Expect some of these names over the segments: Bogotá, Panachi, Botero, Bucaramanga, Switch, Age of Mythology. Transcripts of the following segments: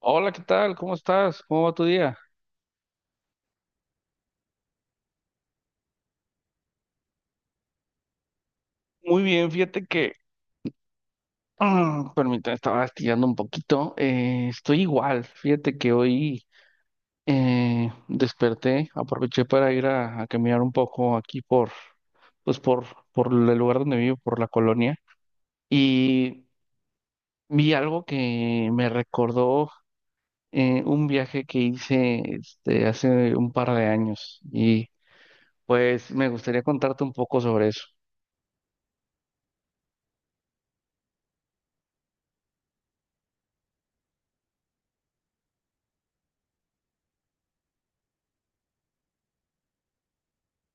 Hola, ¿qué tal? ¿Cómo estás? ¿Cómo va tu día? Muy bien, fíjate que, permítame, estaba estirando un poquito. Estoy igual, fíjate que hoy desperté, aproveché para ir a caminar un poco aquí por, pues por el lugar donde vivo, por la colonia, y vi algo que me recordó un viaje que hice este, hace un par de años, y pues me gustaría contarte un poco sobre eso.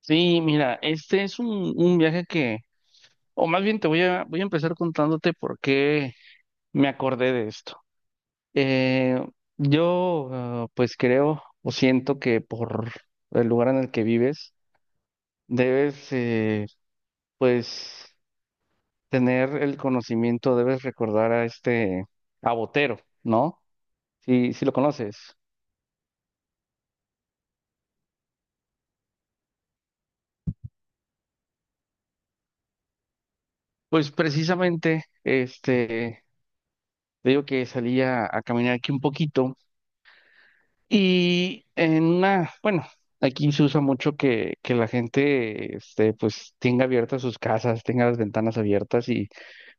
Sí, mira, este es un viaje que, o más bien te voy a empezar contándote por qué me acordé de esto. Eh, yo, pues creo o siento que por el lugar en el que vives, debes, pues, tener el conocimiento, debes recordar a este, a Botero, ¿no? Si lo conoces. Pues precisamente, este, te digo que salía a caminar aquí un poquito. Y en una, bueno, aquí se usa mucho que la gente, este, pues tenga abiertas sus casas, tenga las ventanas abiertas y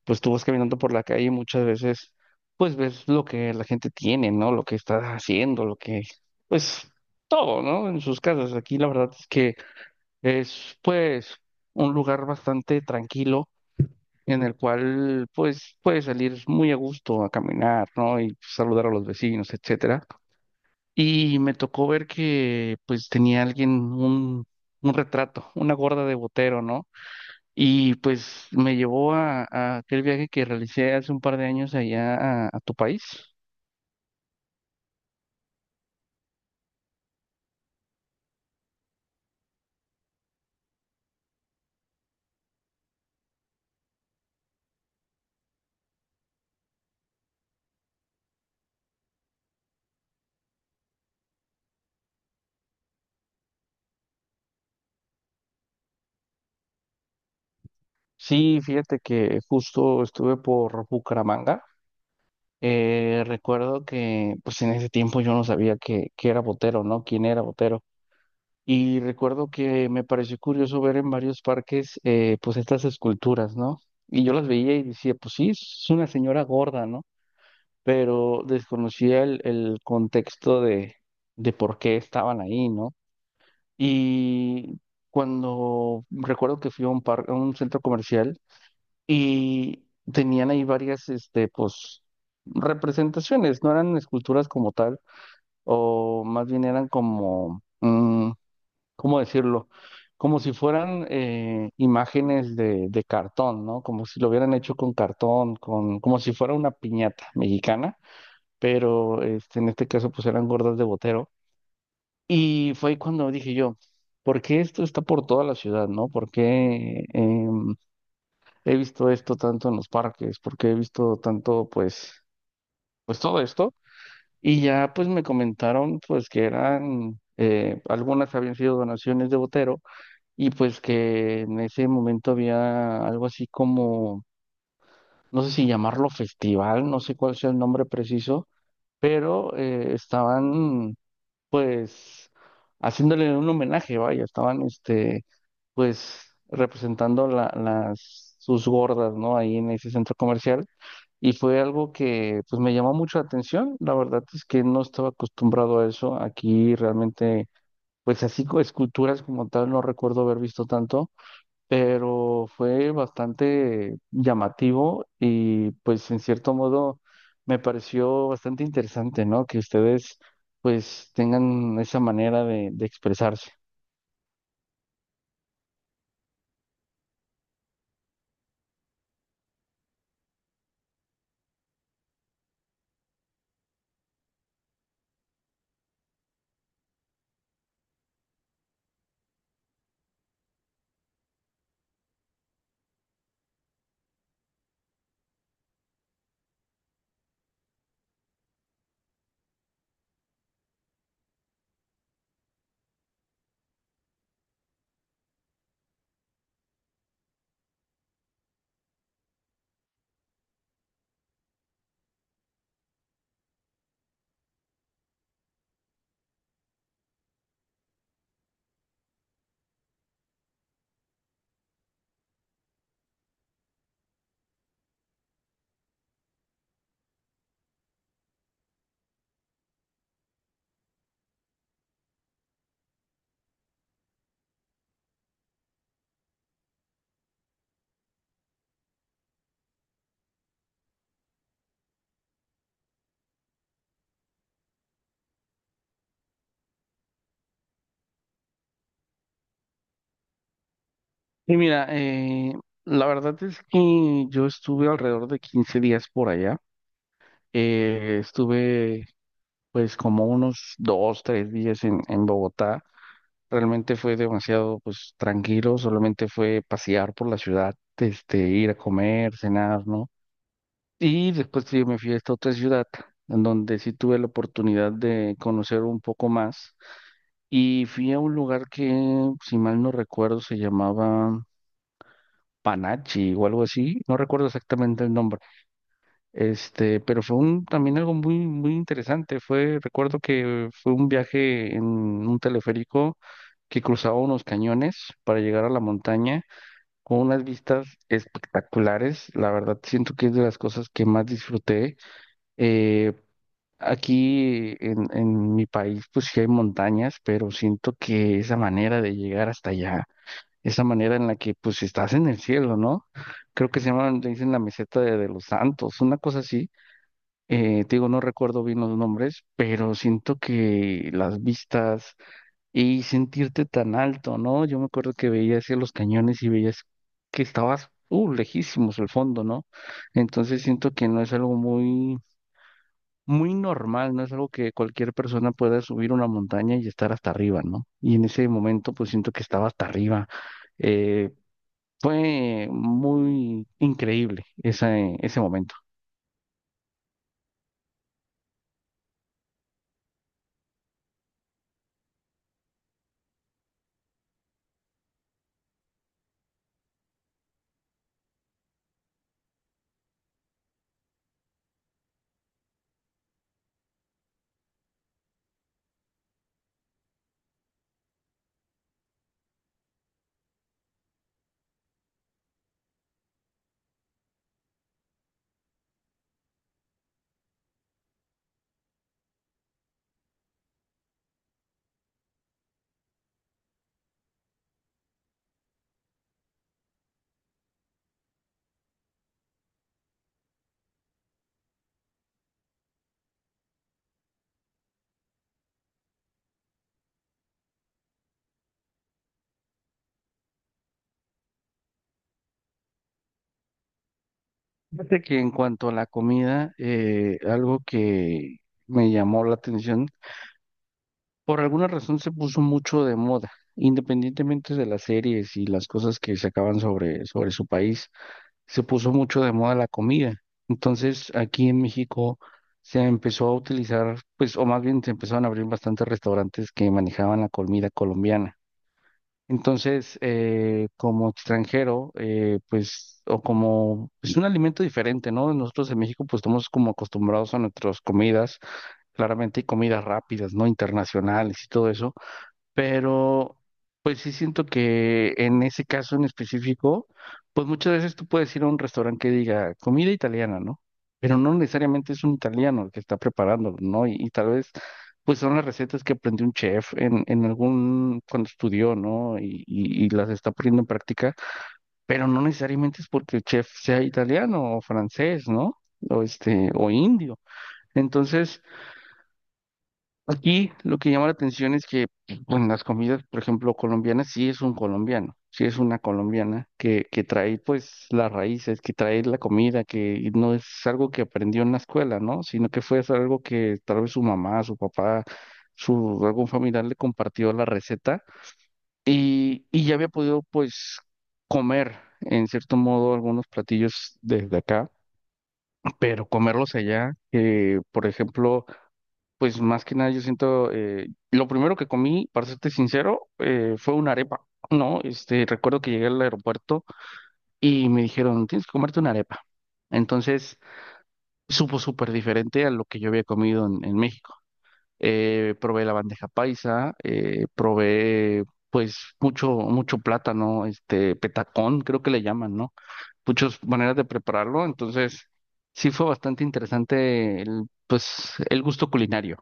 pues tú vas caminando por la calle y muchas veces, pues ves lo que la gente tiene, ¿no? Lo que está haciendo, lo que, pues todo, ¿no? En sus casas. Aquí la verdad es que es, pues, un lugar bastante tranquilo en el cual, pues, puedes salir muy a gusto a caminar, ¿no? Y saludar a los vecinos, etcétera. Y me tocó ver que pues tenía alguien un retrato, una gorda de Botero, ¿no? Y pues me llevó a aquel viaje que realicé hace un par de años allá a tu país. Sí, fíjate que justo estuve por Bucaramanga. Recuerdo que pues en ese tiempo yo no sabía que era Botero, ¿no? ¿Quién era Botero? Y recuerdo que me pareció curioso ver en varios parques pues estas esculturas, ¿no? Y yo las veía y decía, pues sí, es una señora gorda, ¿no? Pero desconocía el contexto de por qué estaban ahí, ¿no? Y cuando recuerdo que fui a un par, a un centro comercial y tenían ahí varias, este, pues, representaciones, no eran esculturas como tal, o más bien eran como, ¿cómo decirlo? Como si fueran imágenes de cartón, ¿no? Como si lo hubieran hecho con cartón, con, como si fuera una piñata mexicana, pero este, en este caso pues eran gordas de Botero. Y fue ahí cuando dije yo, ¿por qué esto está por toda la ciudad, no? ¿Por qué he visto esto tanto en los parques? ¿Por qué he visto tanto, pues, pues todo esto? Y ya pues me comentaron pues que eran, algunas habían sido donaciones de Botero y pues que en ese momento había algo así como, no sé si llamarlo festival, no sé cuál sea el nombre preciso, pero estaban pues haciéndole un homenaje, vaya, estaban este, pues representando la- las sus gordas, ¿no? Ahí en ese centro comercial, y fue algo que pues me llamó mucho la atención. La verdad es que no estaba acostumbrado a eso. Aquí realmente, pues así co- esculturas como tal no recuerdo haber visto tanto, pero fue bastante llamativo y pues en cierto modo me pareció bastante interesante, ¿no? Que ustedes pues tengan esa manera de expresarse. Y mira, la verdad es que yo estuve alrededor de 15 días por allá. Estuve pues como unos 2, 3 días en Bogotá. Realmente fue demasiado pues tranquilo, solamente fue pasear por la ciudad, este, ir a comer, cenar, ¿no? Y después sí, me fui a esta otra ciudad, en donde sí tuve la oportunidad de conocer un poco más. Y fui a un lugar que, si mal no recuerdo, se llamaba Panachi o algo así. No recuerdo exactamente el nombre. Este, pero fue un, también algo muy, muy interesante. Fue, recuerdo que fue un viaje en un teleférico que cruzaba unos cañones para llegar a la montaña con unas vistas espectaculares. La verdad, siento que es de las cosas que más disfruté. Eh, Aquí en mi país, pues sí hay montañas, pero siento que esa manera de llegar hasta allá, esa manera en la que pues estás en el cielo, ¿no? Creo que se llaman, le dicen la meseta de los santos, una cosa así. Te digo, no recuerdo bien los nombres, pero siento que las vistas y sentirte tan alto, ¿no? Yo me acuerdo que veía hacia los cañones y veías que estabas, lejísimos el fondo, ¿no? Entonces siento que no es algo muy muy normal, no es algo que cualquier persona pueda subir una montaña y estar hasta arriba, ¿no? Y en ese momento pues siento que estaba hasta arriba. Eh, Fue muy increíble ese, ese momento. Fíjate que en cuanto a la comida, algo que me llamó la atención, por alguna razón se puso mucho de moda, independientemente de las series y las cosas que sacaban sobre, sobre su país. Se puso mucho de moda la comida. Entonces, aquí en México se empezó a utilizar, pues, o más bien se empezaron a abrir bastantes restaurantes que manejaban la comida colombiana. Entonces, como extranjero, pues, o como, es un alimento diferente, ¿no? Nosotros en México, pues, estamos como acostumbrados a nuestras comidas, claramente hay comidas rápidas, ¿no? Internacionales y todo eso, pero pues sí siento que en ese caso en específico, pues muchas veces tú puedes ir a un restaurante que diga comida italiana, ¿no? Pero no necesariamente es un italiano el que está preparándolo, ¿no? Y tal vez pues son las recetas que aprendió un chef en algún, cuando estudió, ¿no? Y las está poniendo en práctica, pero no necesariamente es porque el chef sea italiano o francés, ¿no? O este, o indio. Entonces... Aquí lo que llama la atención es que en las comidas, por ejemplo, colombianas, sí es un colombiano, sí es una colombiana que trae pues las raíces, que trae la comida, que no es algo que aprendió en la escuela, ¿no? Sino que fue algo que tal vez su mamá, su papá, su algún familiar le compartió la receta y ya había podido pues comer en cierto modo algunos platillos desde acá, pero comerlos allá, por ejemplo, pues más que nada yo siento, lo primero que comí, para serte sincero, fue una arepa, ¿no? Este, recuerdo que llegué al aeropuerto y me dijeron, tienes que comerte una arepa. Entonces, supo súper diferente a lo que yo había comido en México. Probé la bandeja paisa, probé pues mucho, mucho plátano, este, petacón, creo que le llaman, ¿no? Muchas maneras de prepararlo, entonces sí fue bastante interesante el, pues, el gusto culinario.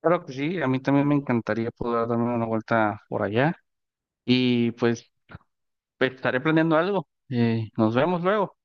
Claro que sí, a mí también me encantaría poder darme una vuelta por allá y pues estaré planeando algo. Nos vemos luego.